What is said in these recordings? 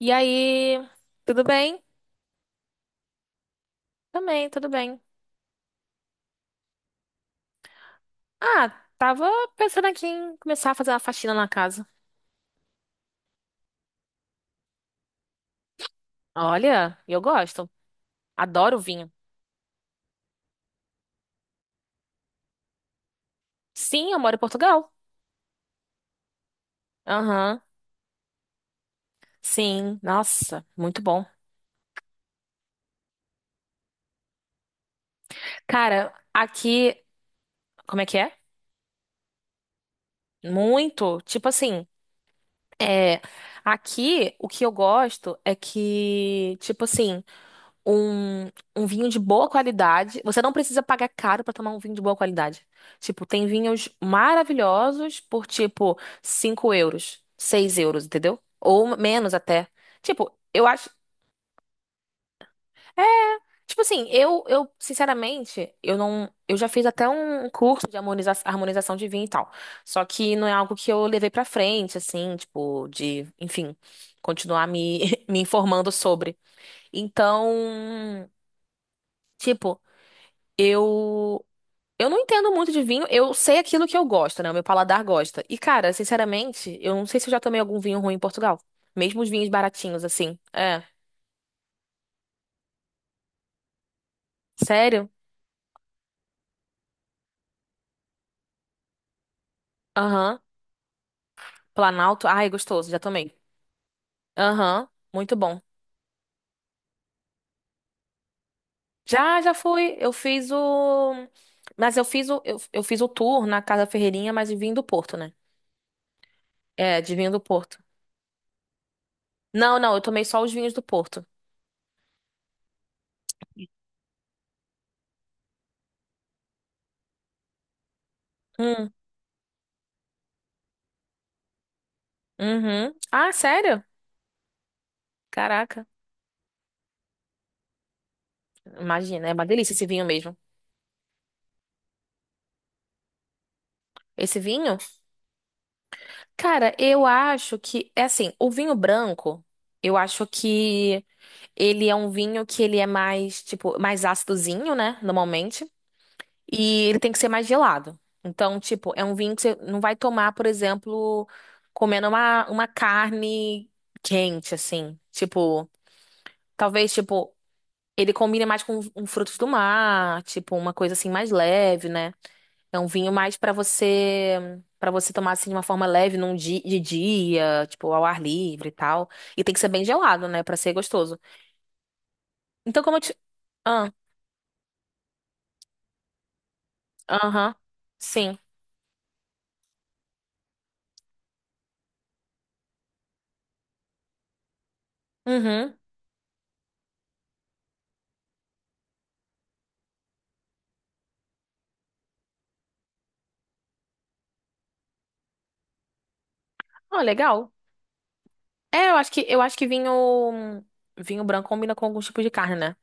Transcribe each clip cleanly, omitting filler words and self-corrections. E aí, tudo bem? Também, tudo bem. Ah, tava pensando aqui em começar a fazer uma faxina na casa. Olha, eu gosto. Adoro vinho. Sim, eu moro em Portugal. Aham. Sim, nossa, muito bom. Cara, aqui, como é que é? Muito, tipo assim, é, aqui o que eu gosto é que, tipo assim, um, um vinho de boa qualidade. Você não precisa pagar caro pra tomar um vinho de boa qualidade. Tipo, tem vinhos maravilhosos por, tipo, 5 euros, 6 euros, entendeu? Ou menos até. Tipo, eu acho. é, Tipo assim, eu sinceramente, eu não, eu já fiz até um curso de harmonização de vinho e tal. Só que não é algo que eu levei pra frente, assim, tipo, de, enfim, continuar me, me informando sobre. Então, tipo, eu Eu não entendo muito de vinho, eu sei aquilo que eu gosto, né? O meu paladar gosta. E, cara, sinceramente, eu não sei se eu já tomei algum vinho ruim em Portugal. Mesmo os vinhos baratinhos, assim. É. Sério? Aham. Planalto. Ai, gostoso, já tomei. Aham. Muito bom. Já fui. Eu fiz o. Mas eu fiz o tour na Casa Ferreirinha, mas de vinho do Porto, né? É, de vinho do Porto. Não, não, eu tomei só os vinhos do Porto. Hum, uhum. Ah, sério? Caraca. Imagina, é uma delícia esse vinho mesmo. Esse vinho? Cara, eu acho que é assim, o vinho branco, eu acho que ele é um vinho que ele é mais, tipo, mais ácidozinho, né, normalmente, e ele tem que ser mais gelado. Então, tipo, é um vinho que você não vai tomar, por exemplo, comendo uma carne quente, assim. Tipo, talvez, tipo, ele combine mais com um frutos do mar, tipo, uma coisa assim mais leve, né? É um vinho mais pra você para você tomar assim de uma forma leve num dia, de dia, tipo ao ar livre e tal. E tem que ser bem gelado, né, pra ser gostoso. Então como eu te. Ah, aham. Sim. Uhum. Ah, legal. É, eu acho que vinho branco combina com alguns tipos de carne, né?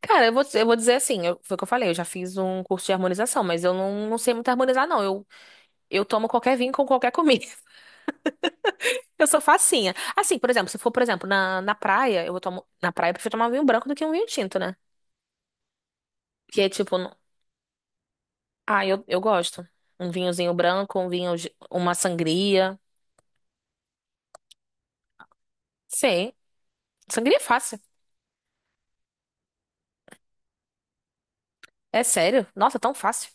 Cara, eu vou dizer assim, eu- foi o que eu falei, eu já fiz um curso de harmonização, mas eu não sei muito harmonizar, não. Eu tomo qualquer vinho com qualquer comida. Eu sou facinha. Assim, por exemplo, se for, por exemplo, na praia, eu vou tomar. Na praia, eu prefiro tomar um vinho branco do que um vinho tinto, né? Que é tipo. Não- Ah, eu gosto. Um vinhozinho branco, um vinho. De- Uma sangria. Sim. Sangria é fácil. É sério. Nossa, tão fácil.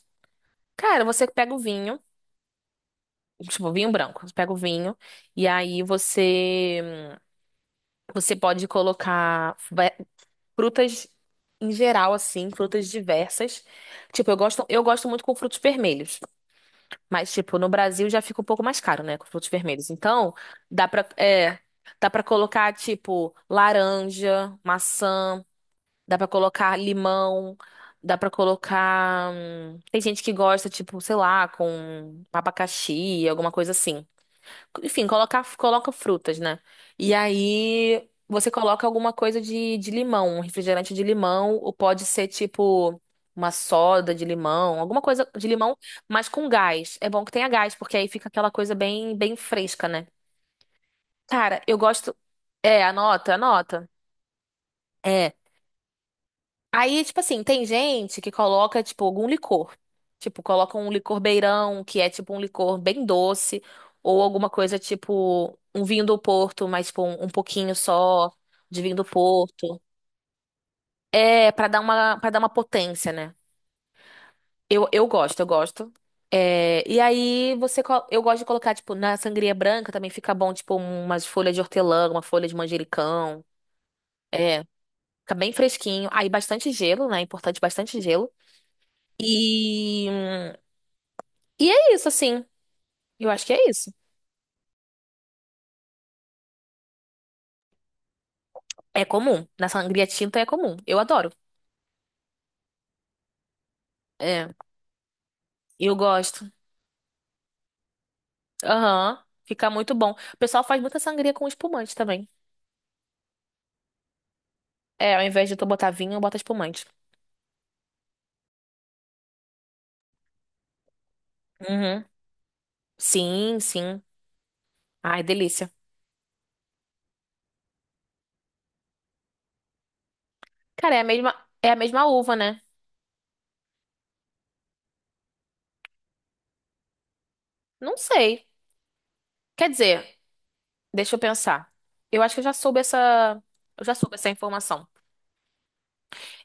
Cara, você pega o vinho. Tipo, vinho branco. Você pega o vinho. E aí você. Você pode colocar ve- frutas em geral, assim, frutas diversas. Tipo, eu gosto muito com frutos vermelhos. Mas, tipo, no Brasil já fica um pouco mais caro, né? Com frutos vermelhos. Então, dá pra, é, dá pra colocar, tipo, laranja, maçã, dá pra colocar limão, dá pra colocar. Tem gente que gosta, tipo, sei lá, com abacaxi, alguma coisa assim. Enfim, coloca, coloca frutas, né? E aí você coloca alguma coisa de limão, um refrigerante de limão, ou pode ser tipo uma soda de limão, alguma coisa de limão, mas com gás. É bom que tenha gás, porque aí fica aquela coisa bem, bem fresca, né? Cara, eu gosto. É, anota, anota. É. Aí, tipo assim, tem gente que coloca, tipo, algum licor. Tipo, coloca um licor beirão, que é tipo um licor bem doce, ou alguma coisa tipo um vinho do Porto, mas tipo um pouquinho só de vinho do Porto. É, para dar uma potência, né? Eu gosto, eu gosto. É, e aí você, co- eu gosto de colocar, tipo, na sangria branca também fica bom, tipo, umas folhas de hortelã, uma folha de manjericão. É, fica bem fresquinho. Aí bastante gelo, né? É importante bastante gelo. E hum, E é isso, assim. Eu acho que é isso. É comum. Na sangria tinta é comum. Eu adoro. É, eu gosto. Aham. Fica muito bom. O pessoal faz muita sangria com espumante também. É, ao invés de tu botar vinho, eu boto espumante. Uhum. Sim, sim. Ai, delícia. Cara, é a mesma uva, né? Não sei. Quer dizer, deixa eu pensar. Eu acho que eu já soube essa informação.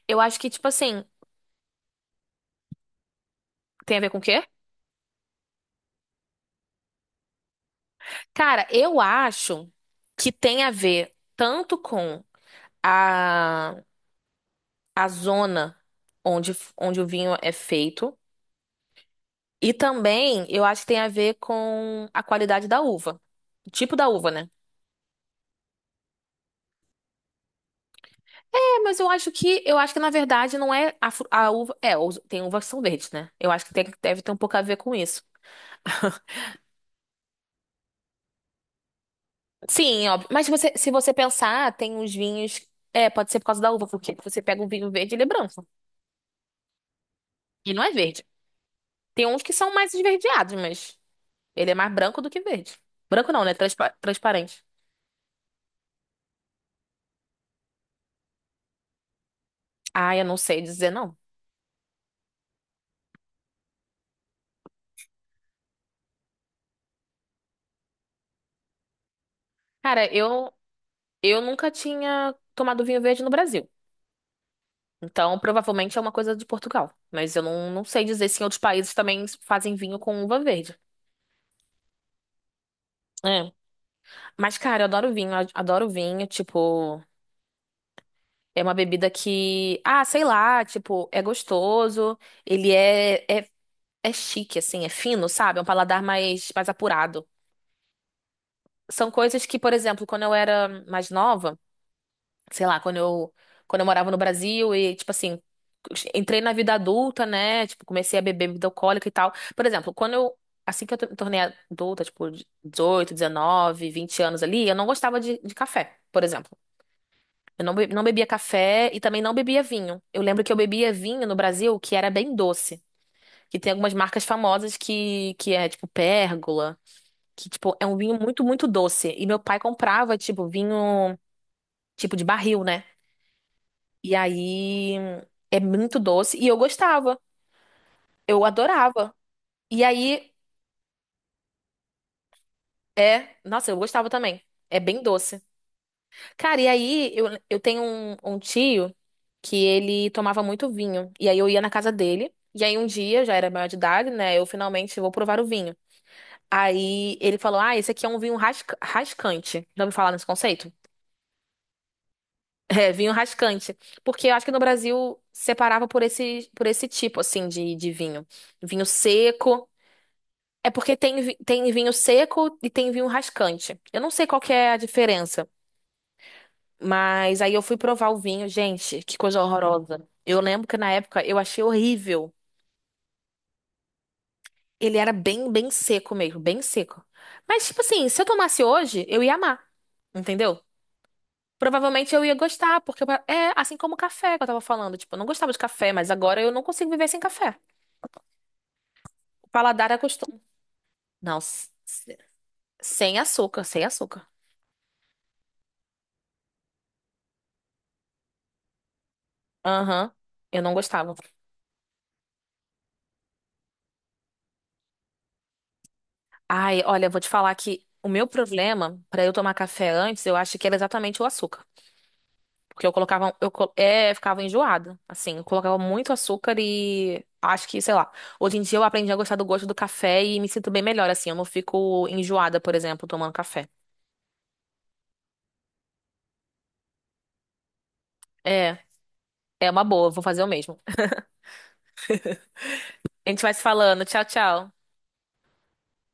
Eu acho que, tipo assim, tem a ver com o quê? Cara, eu acho que tem a ver tanto com a, a zona onde o vinho é feito. E também eu acho que tem a ver com a qualidade da uva. O tipo da uva, né? É, mas eu acho que na verdade não é a, fru- a uva. É, os- tem uvas que são verdes, né? Eu acho que tem- deve ter um pouco a ver com isso. Sim, óbvio. Mas você, se você pensar, tem uns vinhos. É, pode ser por causa da uva, porque você pega um vinho verde, ele é branco. E não é verde. Tem uns que são mais esverdeados, mas ele é mais branco do que verde. Branco não, né? Transpa- transparente. Ah, eu não sei dizer não. Cara, eu nunca tinha tomado vinho verde no Brasil. Então, provavelmente é uma coisa de Portugal. Mas eu não sei dizer se em outros países também fazem vinho com uva verde. É. Mas, cara, eu adoro vinho, adoro vinho, tipo, é uma bebida que, ah, sei lá, tipo, é gostoso, ele é chique, assim, é fino, sabe? É um paladar mais, mais apurado. São coisas que, por exemplo, quando eu era mais nova, sei lá, quando eu morava no Brasil e, tipo assim, entrei na vida adulta, né? Tipo, comecei a beber bebida alcoólica e tal. Por exemplo, assim que eu me tornei adulta, tipo, 18, 19, 20 anos ali, eu não gostava de café, por exemplo. Eu não, be- não bebia café e também não bebia vinho. Eu lembro que eu bebia vinho no Brasil que era bem doce. Que tem algumas marcas famosas que é, tipo, Pérgola. Que, tipo, é um vinho muito, muito doce. E meu pai comprava, tipo, vinho, tipo, de barril, né? E aí é muito doce. E eu gostava. Eu adorava. E aí é. Nossa, eu gostava também. É bem doce. Cara, e aí eu tenho um tio que ele tomava muito vinho. E aí eu ia na casa dele. E aí um dia, eu já era maior de idade, né? Eu finalmente vou provar o vinho. Aí ele falou: Ah, esse aqui é um vinho rascante. Já ouviu falar nesse conceito? É, vinho rascante. Porque eu acho que no Brasil separava por esse tipo, assim, de vinho. Vinho seco. É porque tem vinho seco e tem vinho rascante. Eu não sei qual que é a diferença, mas aí eu fui provar o vinho, gente, que coisa horrorosa. Eu lembro que na época eu achei horrível. Ele era bem, bem seco mesmo, bem seco. Mas, tipo assim, se eu tomasse hoje, eu ia amar, entendeu? Provavelmente eu ia gostar, porque eu- é assim como o café que eu tava falando. Tipo, eu não gostava de café, mas agora eu não consigo viver sem café. O paladar acostuma. Não, sem açúcar, sem açúcar. Aham, eu não gostava. Ai, olha, eu vou te falar que o meu problema pra eu tomar café antes, eu acho que era exatamente o açúcar. Porque eu colocava, eu co- é, ficava enjoada, assim, eu colocava muito açúcar e acho que, sei lá, hoje em dia eu aprendi a gostar do gosto do café e me sinto bem melhor, assim, eu não fico enjoada, por exemplo, tomando café. É, é uma boa, vou fazer o mesmo. A gente vai se falando, tchau, tchau.